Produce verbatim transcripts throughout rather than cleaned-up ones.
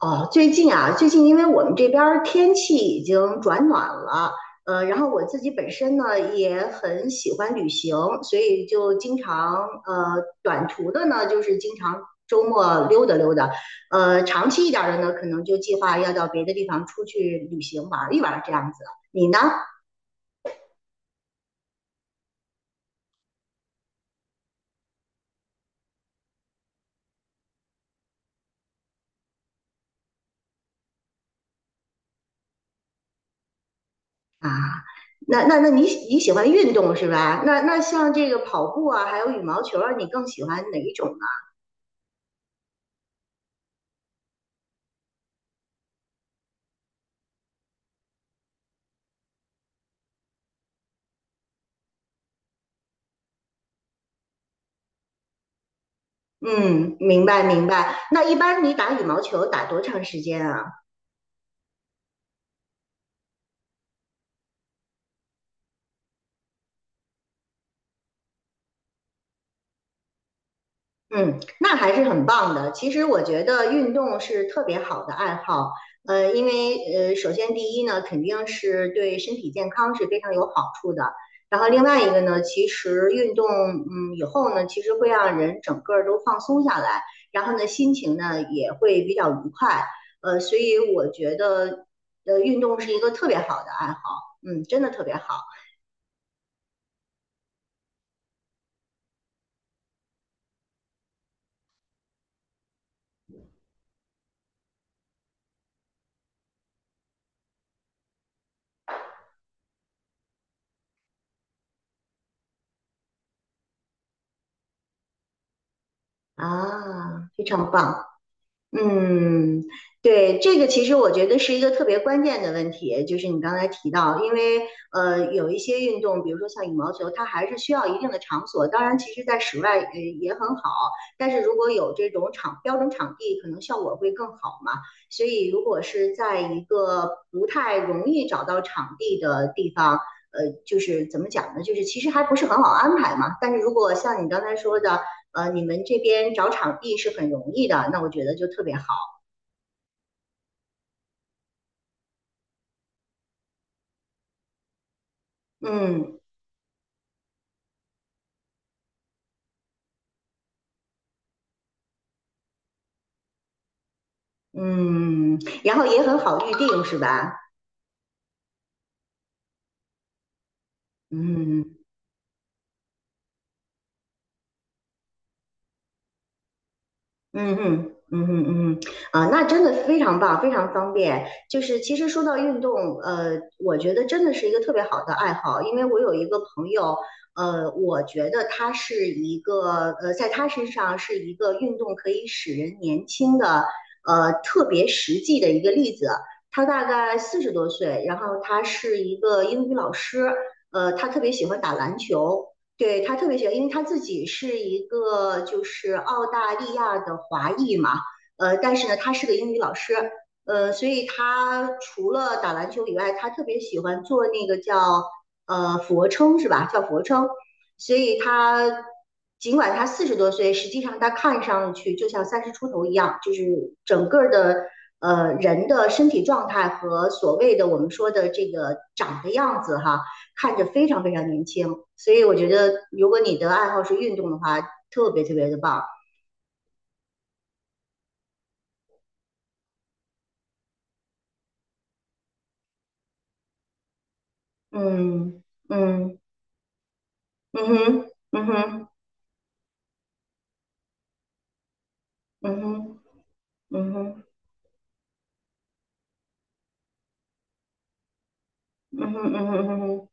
哦，最近啊，最近因为我们这边儿天气已经转暖了，呃，然后我自己本身呢也很喜欢旅行，所以就经常呃短途的呢，就是经常周末溜达溜达，呃，长期一点儿的呢，可能就计划要到别的地方出去旅行玩儿一玩儿这样子。你呢？啊，那那那你你喜欢运动是吧？那那像这个跑步啊，还有羽毛球啊，你更喜欢哪一种。嗯，明白明白。那一般你打羽毛球打多长时间啊？嗯，那还是很棒的。其实我觉得运动是特别好的爱好，呃，因为呃，首先第一呢，肯定是对身体健康是非常有好处的。然后另外一个呢，其实运动，嗯，以后呢，其实会让人整个儿都放松下来，然后呢，心情呢也会比较愉快。呃，所以我觉得，呃，运动是一个特别好的爱好，嗯，真的特别好。啊，非常棒。嗯，对，这个其实我觉得是一个特别关键的问题，就是你刚才提到，因为呃有一些运动，比如说像羽毛球，它还是需要一定的场所。当然，其实在室外呃也很好，但是如果有这种场标准场地，可能效果会更好嘛。所以，如果是在一个不太容易找到场地的地方，呃，就是怎么讲呢？就是其实还不是很好安排嘛。但是如果像你刚才说的，呃，你们这边找场地是很容易的，那我觉得就特别好。嗯嗯，然后也很好预定，是吧？嗯嗯嗯嗯嗯嗯哼。啊，那真的非常棒，非常方便。就是其实说到运动，呃，我觉得真的是一个特别好的爱好，因为我有一个朋友，呃，我觉得他是一个，呃，在他身上是一个运动可以使人年轻的，呃，特别实际的一个例子。他大概四十多岁，然后他是一个英语老师，呃，他特别喜欢打篮球，对，他特别喜欢，因为他自己是一个就是澳大利亚的华裔嘛，呃，但是呢，他是个英语老师，呃，所以他除了打篮球以外，他特别喜欢做那个叫呃俯卧撑是吧？叫俯卧撑，所以他尽管他四十多岁，实际上他看上去就像三十出头一样，就是整个的呃人的身体状态和所谓的我们说的这个长的样子哈。看着非常非常年轻。所以我觉得，如果你的爱好是运动的话，特别特别的棒。嗯嗯嗯哼嗯哼嗯哼嗯哼嗯哼嗯哼嗯哼嗯哼嗯哼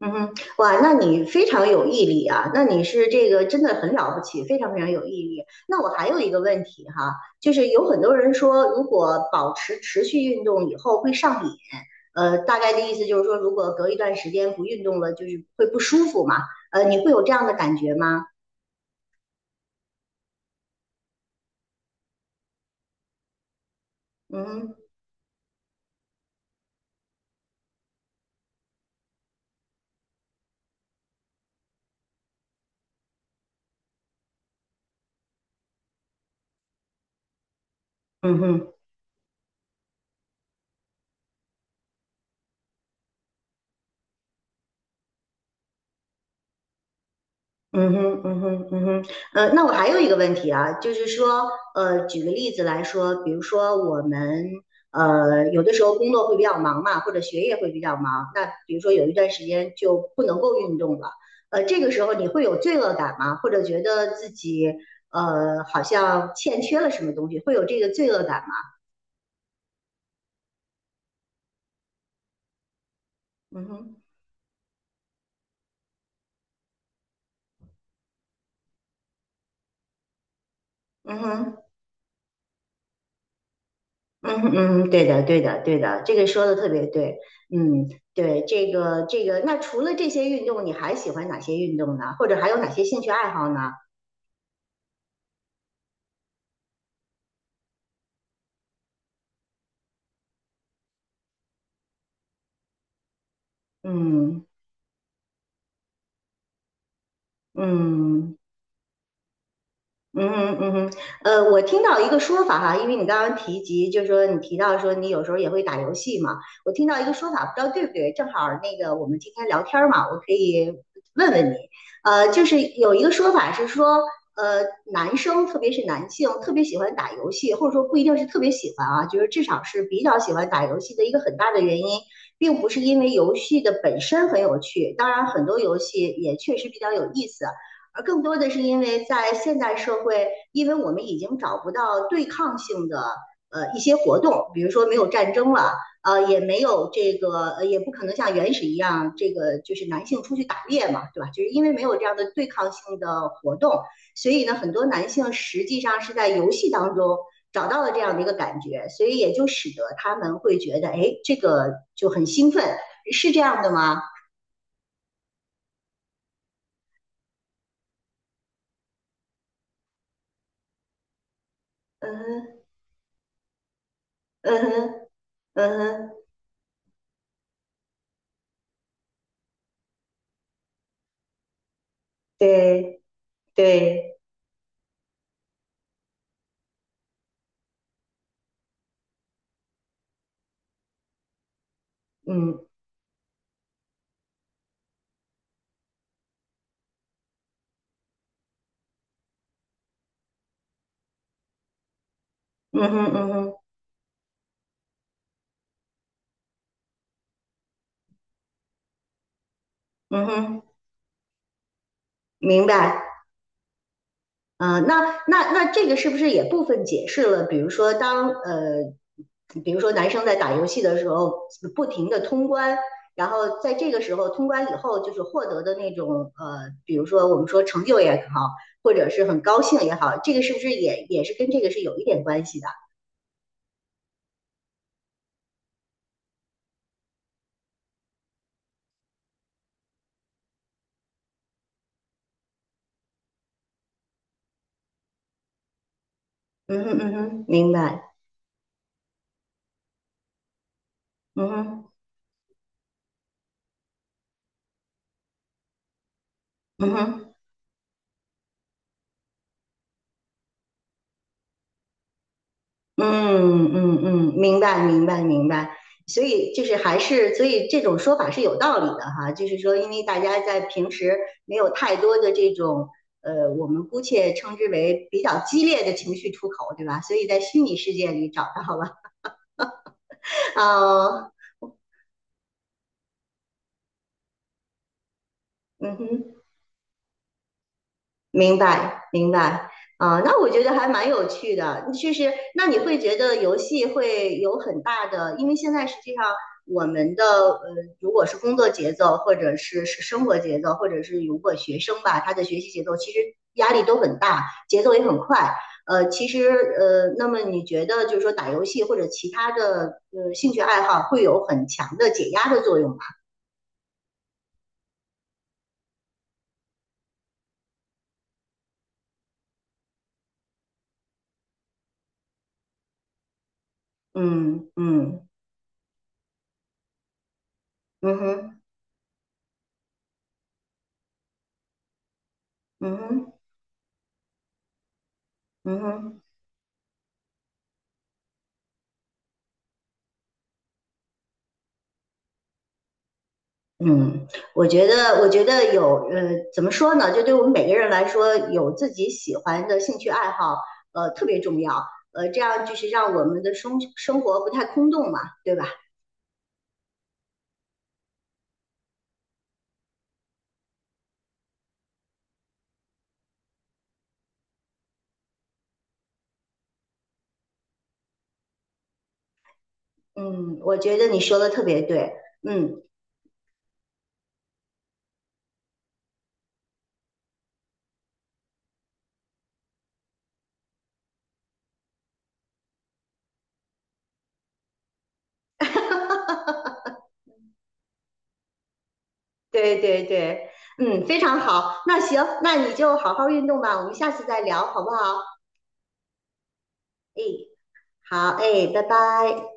嗯哼，哇，那你非常有毅力啊！那你是这个真的很了不起，非常非常有毅力。那我还有一个问题哈，就是有很多人说，如果保持持续运动以后会上瘾，呃，大概的意思就是说，如果隔一段时间不运动了，就是会不舒服嘛，呃，你会有这样的感觉吗？嗯嗯哼。嗯哼，嗯哼，嗯哼，呃，那我还有一个问题啊，就是说，呃，举个例子来说，比如说我们，呃，有的时候工作会比较忙嘛，或者学业会比较忙，那比如说有一段时间就不能够运动了，呃，这个时候你会有罪恶感吗？或者觉得自己，呃，好像欠缺了什么东西，会有这个罪恶感吗？嗯哼，嗯哼。嗯嗯，对的，对的，对的，这个说的特别对。嗯，对，这个这个，那除了这些运动，你还喜欢哪些运动呢？或者还有哪些兴趣爱好呢？嗯嗯。嗯嗯嗯嗯，呃，我听到一个说法哈，因为你刚刚提及，就是说你提到说你有时候也会打游戏嘛，我听到一个说法，不知道对不对，正好那个我们今天聊天儿嘛，我可以问问你，呃，就是有一个说法是说，呃，男生特别是男性特别喜欢打游戏，或者说不一定是特别喜欢啊，就是至少是比较喜欢打游戏的一个很大的原因，并不是因为游戏的本身很有趣，当然很多游戏也确实比较有意思。而更多的是因为在现代社会，因为我们已经找不到对抗性的呃一些活动，比如说没有战争了，呃，也没有这个，呃也不可能像原始一样，这个就是男性出去打猎嘛，对吧？就是因为没有这样的对抗性的活动，所以呢，很多男性实际上是在游戏当中找到了这样的一个感觉，所以也就使得他们会觉得，哎，这个就很兴奋，是这样的吗？嗯哼，嗯哼，嗯哼，对。对，嗯嗯哼嗯哼嗯哼，明白。啊、那那那这个是不是也部分解释了？比如说当呃，比如说男生在打游戏的时候，不停的通关，然后在这个时候通关以后，就是获得的那种呃，比如说我们说成就也好，或者是很高兴也好，这个是不是也也是跟这个是有一点关系的？嗯哼嗯哼，明白。嗯哼嗯哼。嗯嗯嗯，明白明白明白，所以就是还是，所以这种说法是有道理的哈，就是说，因为大家在平时没有太多的这种呃，我们姑且称之为比较激烈的情绪出口，对吧？所以在虚拟世界里找到了，啊，嗯哼。明白，明白。啊，那我觉得还蛮有趣的，确实，那你会觉得游戏会有很大的，因为现在实际上我们的呃，如果是工作节奏，或者是是生活节奏，或者是如果学生吧，他的学习节奏其实压力都很大，节奏也很快。呃，其实呃，那么你觉得就是说打游戏或者其他的呃兴趣爱好会有很强的解压的作用吗？嗯嗯嗯哼嗯哼嗯哼。嗯，我觉得，我觉得有，呃，怎么说呢？就对我们每个人来说，有自己喜欢的兴趣爱好，呃，特别重要。呃，这样就是让我们的生生活不太空洞嘛，对吧？嗯，我觉得你说的特别对。嗯，对对对，嗯，非常好。那行，那你就好好运动吧，我们下次再聊，好不好？哎，好，哎，拜拜。